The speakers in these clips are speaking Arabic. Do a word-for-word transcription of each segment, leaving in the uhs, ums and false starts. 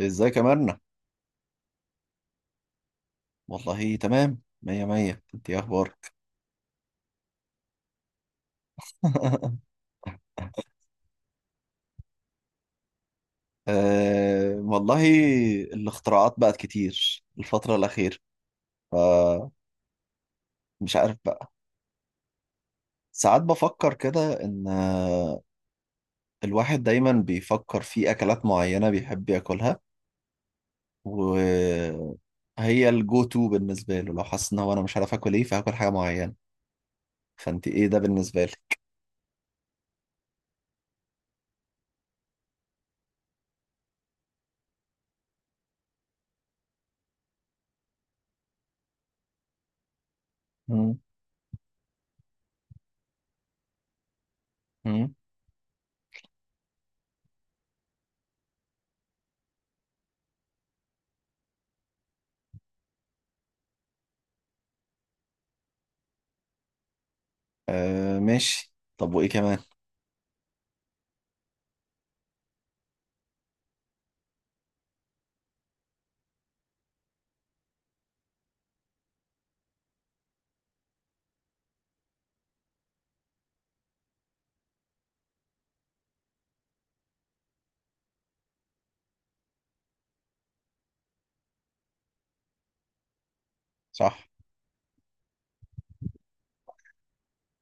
ازيك يا مرنة؟ والله تمام مية مية. انت ايه اخبارك؟ أه والله، الاختراعات بقت كتير الفترة الأخيرة، فمش عارف بقى. ساعات بفكر كده إن آه، الواحد دايما بيفكر في أكلات معينة بيحب ياكلها، وهي الجو تو بالنسبة له، لو حاسس إن هو أنا مش عارف آكل إيه فهاكل حاجة معينة. فأنت إيه ده بالنسبة لك؟ مم. مم. أه ماشي، طب وإيه كمان؟ صح.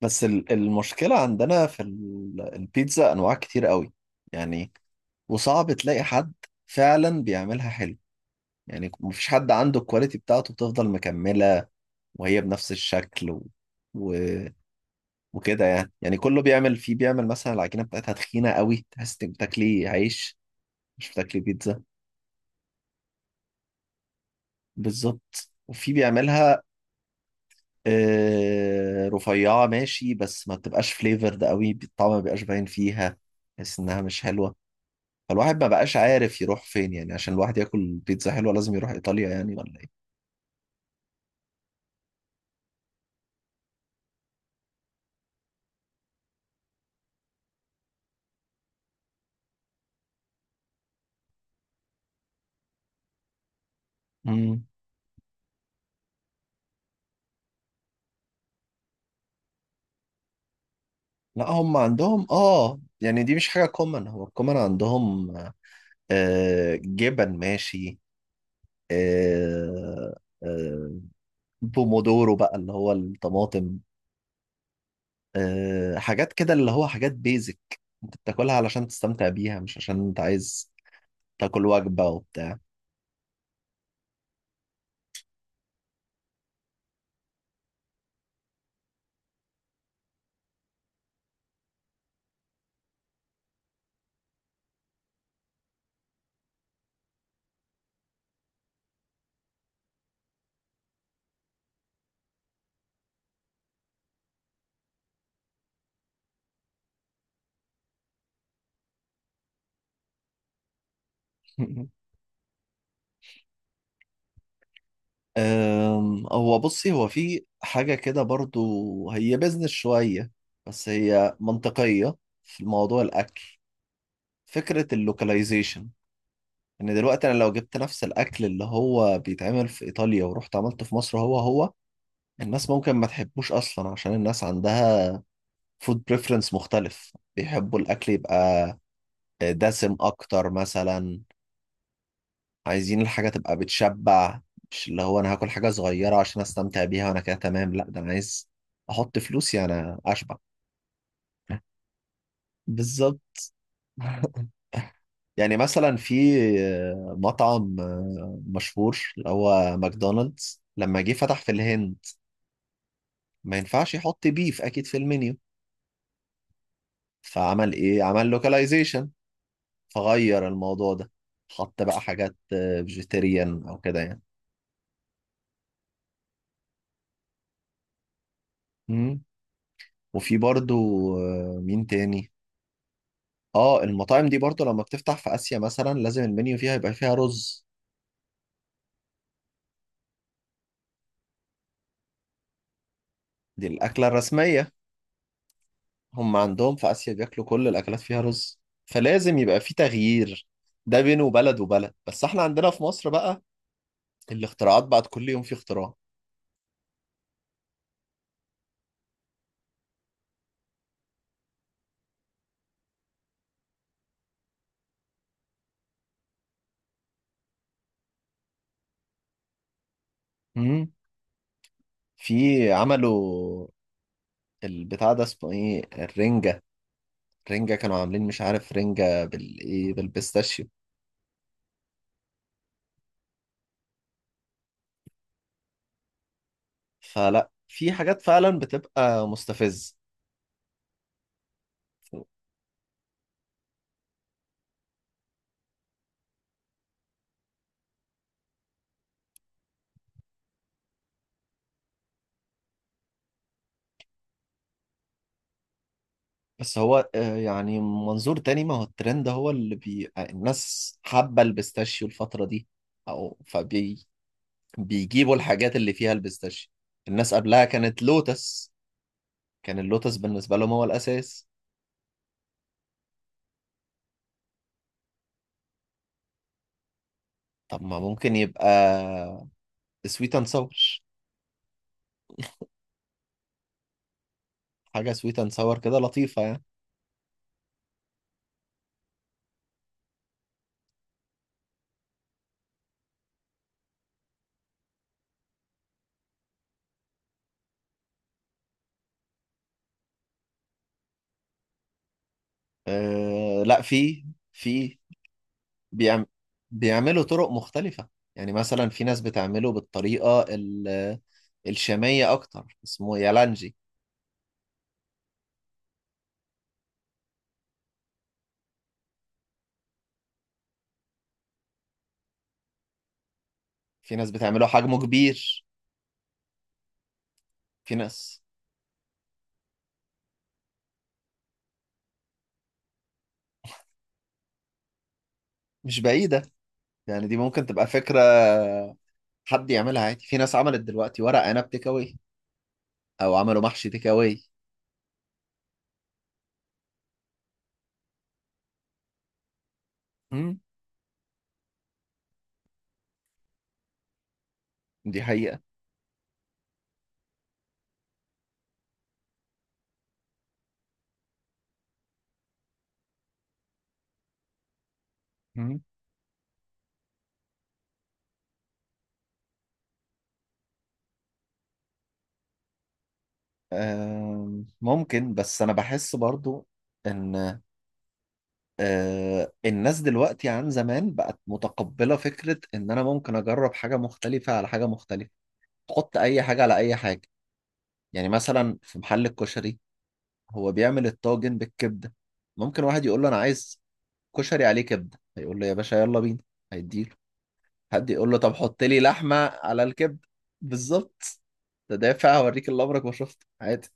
بس ال- المشكلة عندنا في ال- البيتزا أنواع كتير قوي يعني، وصعب تلاقي حد فعلا بيعملها حلو. يعني مفيش حد عنده الكواليتي بتاعته بتفضل مكملة وهي بنفس الشكل و... و... وكده يعني. يعني كله بيعمل فيه، بيعمل مثلا العجينة بتاعتها تخينة قوي، تحس انك بتاكلي عيش مش بتاكلي بيتزا. بالظبط. وفي بيعملها آه، رفيعة ماشي، بس ما بتبقاش فليفرد قوي، الطعم ما بيبقاش باين فيها، تحس انها مش حلوة. فالواحد ما بقاش عارف يروح فين يعني. عشان الواحد ياكل بيتزا حلوة لازم يروح ايطاليا يعني، ولا ايه؟ مم. لا هم عندهم، اه يعني دي مش حاجة كومن. هو الكومن عندهم آه جبن ماشي، آه، آه، بومودورو بقى اللي هو الطماطم. آه حاجات كده، اللي هو حاجات بيزك، انت بتاكلها علشان تستمتع بيها مش عشان انت عايز تاكل وجبة وبتاع. أم، هو بصي، هو في حاجة كده برضو هي بيزنس شوية، بس هي منطقية في موضوع الأكل. فكرة اللوكاليزيشن، إن دلوقتي أنا لو جبت نفس الأكل اللي هو بيتعمل في إيطاليا ورحت عملته في مصر هو هو، الناس ممكن ما تحبوش أصلا، عشان الناس عندها فود بريفرنس مختلف. بيحبوا الأكل يبقى دسم أكتر مثلا. عايزين الحاجة تبقى بتشبع، مش اللي هو أنا هاكل حاجة صغيرة عشان أستمتع بيها وأنا كده تمام. لا، ده أنا عايز أحط فلوسي أنا أشبع. بالظبط. يعني مثلا في مطعم مشهور، اللي هو ماكدونالدز، لما جه فتح في الهند، ما ينفعش يحط بيف أكيد في المنيو. فعمل إيه؟ عمل لوكاليزيشن، فغير الموضوع ده، حط بقى حاجات فيجيتيريان أو كده يعني. مم. وفي برضو آه، مين تاني؟ اه المطاعم دي برضو لما بتفتح في آسيا مثلا، لازم المنيو فيها يبقى فيها رز. دي الأكلة الرسمية. هم عندهم في آسيا بياكلوا كل الأكلات فيها رز، فلازم يبقى في تغيير. ده بينه وبلد وبلد. بس احنا عندنا في مصر بقى الاختراعات بقت كل يوم في اختراع. مم. في عملوا البتاع ده اسمه ايه، الرنجة. الرنجة كانوا عاملين مش عارف، رنجة بالايه، بالبيستاشيو. فلا، في حاجات فعلا بتبقى مستفز. بس هو آه، يعني منظور تاني، ما هو الترند هو اللي بي... آه، الناس حابة البيستاشيو الفترة دي، أو فبي بيجيبوا الحاجات اللي فيها البيستاشيو. الناس قبلها كانت لوتس، كان اللوتس بالنسبة لهم هو الأساس. طب ما ممكن يبقى سويت اند ساور، حاجة سويت اند ساور كده لطيفة يعني. أه لا في، في بيعم... بيعملوا طرق مختلفة. يعني مثلا في ناس بتعمله بالطريقة ال... الشامية أكتر، اسمه يالانجي. في ناس بتعمله حجمه كبير. في ناس، مش بعيدة، يعني دي ممكن تبقى فكرة، حد يعملها عادي. في ناس عملت دلوقتي ورق عنب تيك أواي، أو عملوا محشي تيك أواي. مم. دي حقيقة. مم. آم، ممكن، بس أنا بحس برضو إن آه، الناس دلوقتي عن زمان بقت متقبلة فكرة إن أنا ممكن أجرب حاجة مختلفة على حاجة مختلفة، تحط أي حاجة على أي حاجة. يعني مثلا في محل الكشري هو بيعمل الطاجن بالكبدة، ممكن واحد يقول له أنا عايز كشري عليه كبده، هيقول له يا باشا يلا بينا، هيديله. حد يقول له طب حط لي لحمه على الكبده، بالظبط، ده دافع، هوريك اللي عمرك ما شفته عادي.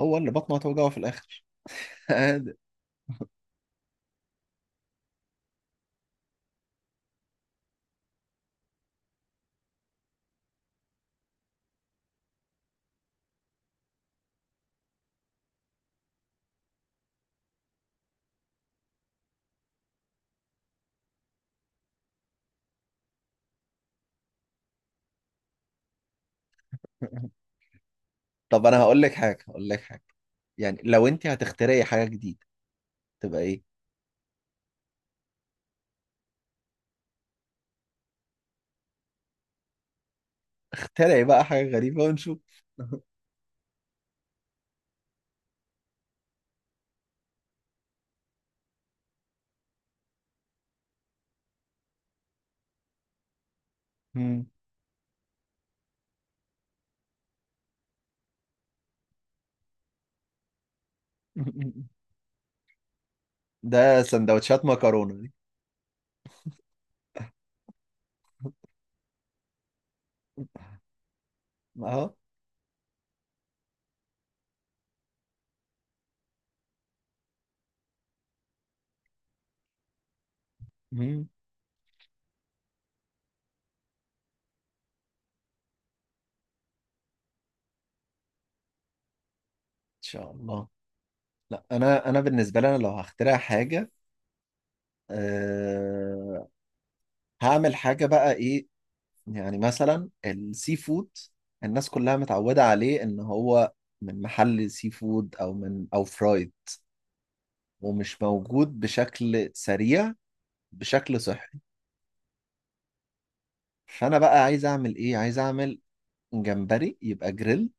هو اللي بطنه هتوجعه في الاخر. عادي. طب انا هقول لك حاجه، هقول لك حاجه. يعني لو انت هتخترعي حاجه جديده تبقى ايه؟ تخترعي بقى حاجه غريبه ونشوف. مم. ده سندوتشات مكرونه دي. اهو. مم. ان شاء الله. لا انا، انا بالنسبه لي، انا لو هخترع حاجه، أه هعمل حاجة، بقى ايه؟ يعني مثلا السي فود، الناس كلها متعودة عليه ان هو من محل سي فود، او من او فرايد، ومش موجود بشكل سريع بشكل صحي. فانا بقى عايز اعمل ايه؟ عايز اعمل جمبري يبقى جريل،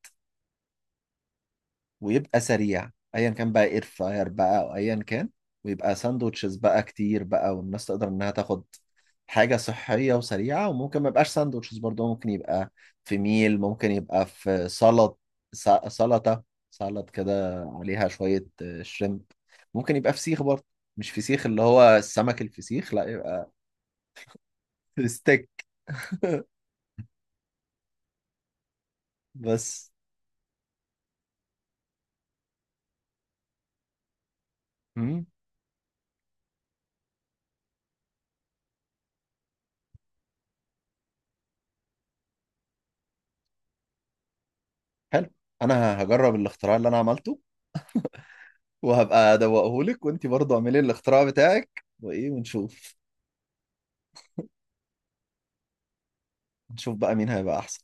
ويبقى سريع، ايا كان بقى اير فراير بقى او ايا كان، ويبقى ساندوتشز بقى كتير بقى، والناس تقدر انها تاخد حاجة صحية وسريعة. وممكن ما يبقاش ساندوتشز برضه، ممكن يبقى في ميل، ممكن يبقى في سلط، س- سلطة، سلط كده عليها شوية آه، شريمب. ممكن يبقى فسيخ برضه، مش فسيخ اللي هو السمك الفسيخ، لا، يبقى ستيك. بس. مم. حلو. انا هجرب الاختراع اللي انا عملته وهبقى ادوقهولك، وانتي برضه اعملي الاختراع بتاعك وايه، ونشوف. نشوف بقى مين هيبقى احسن.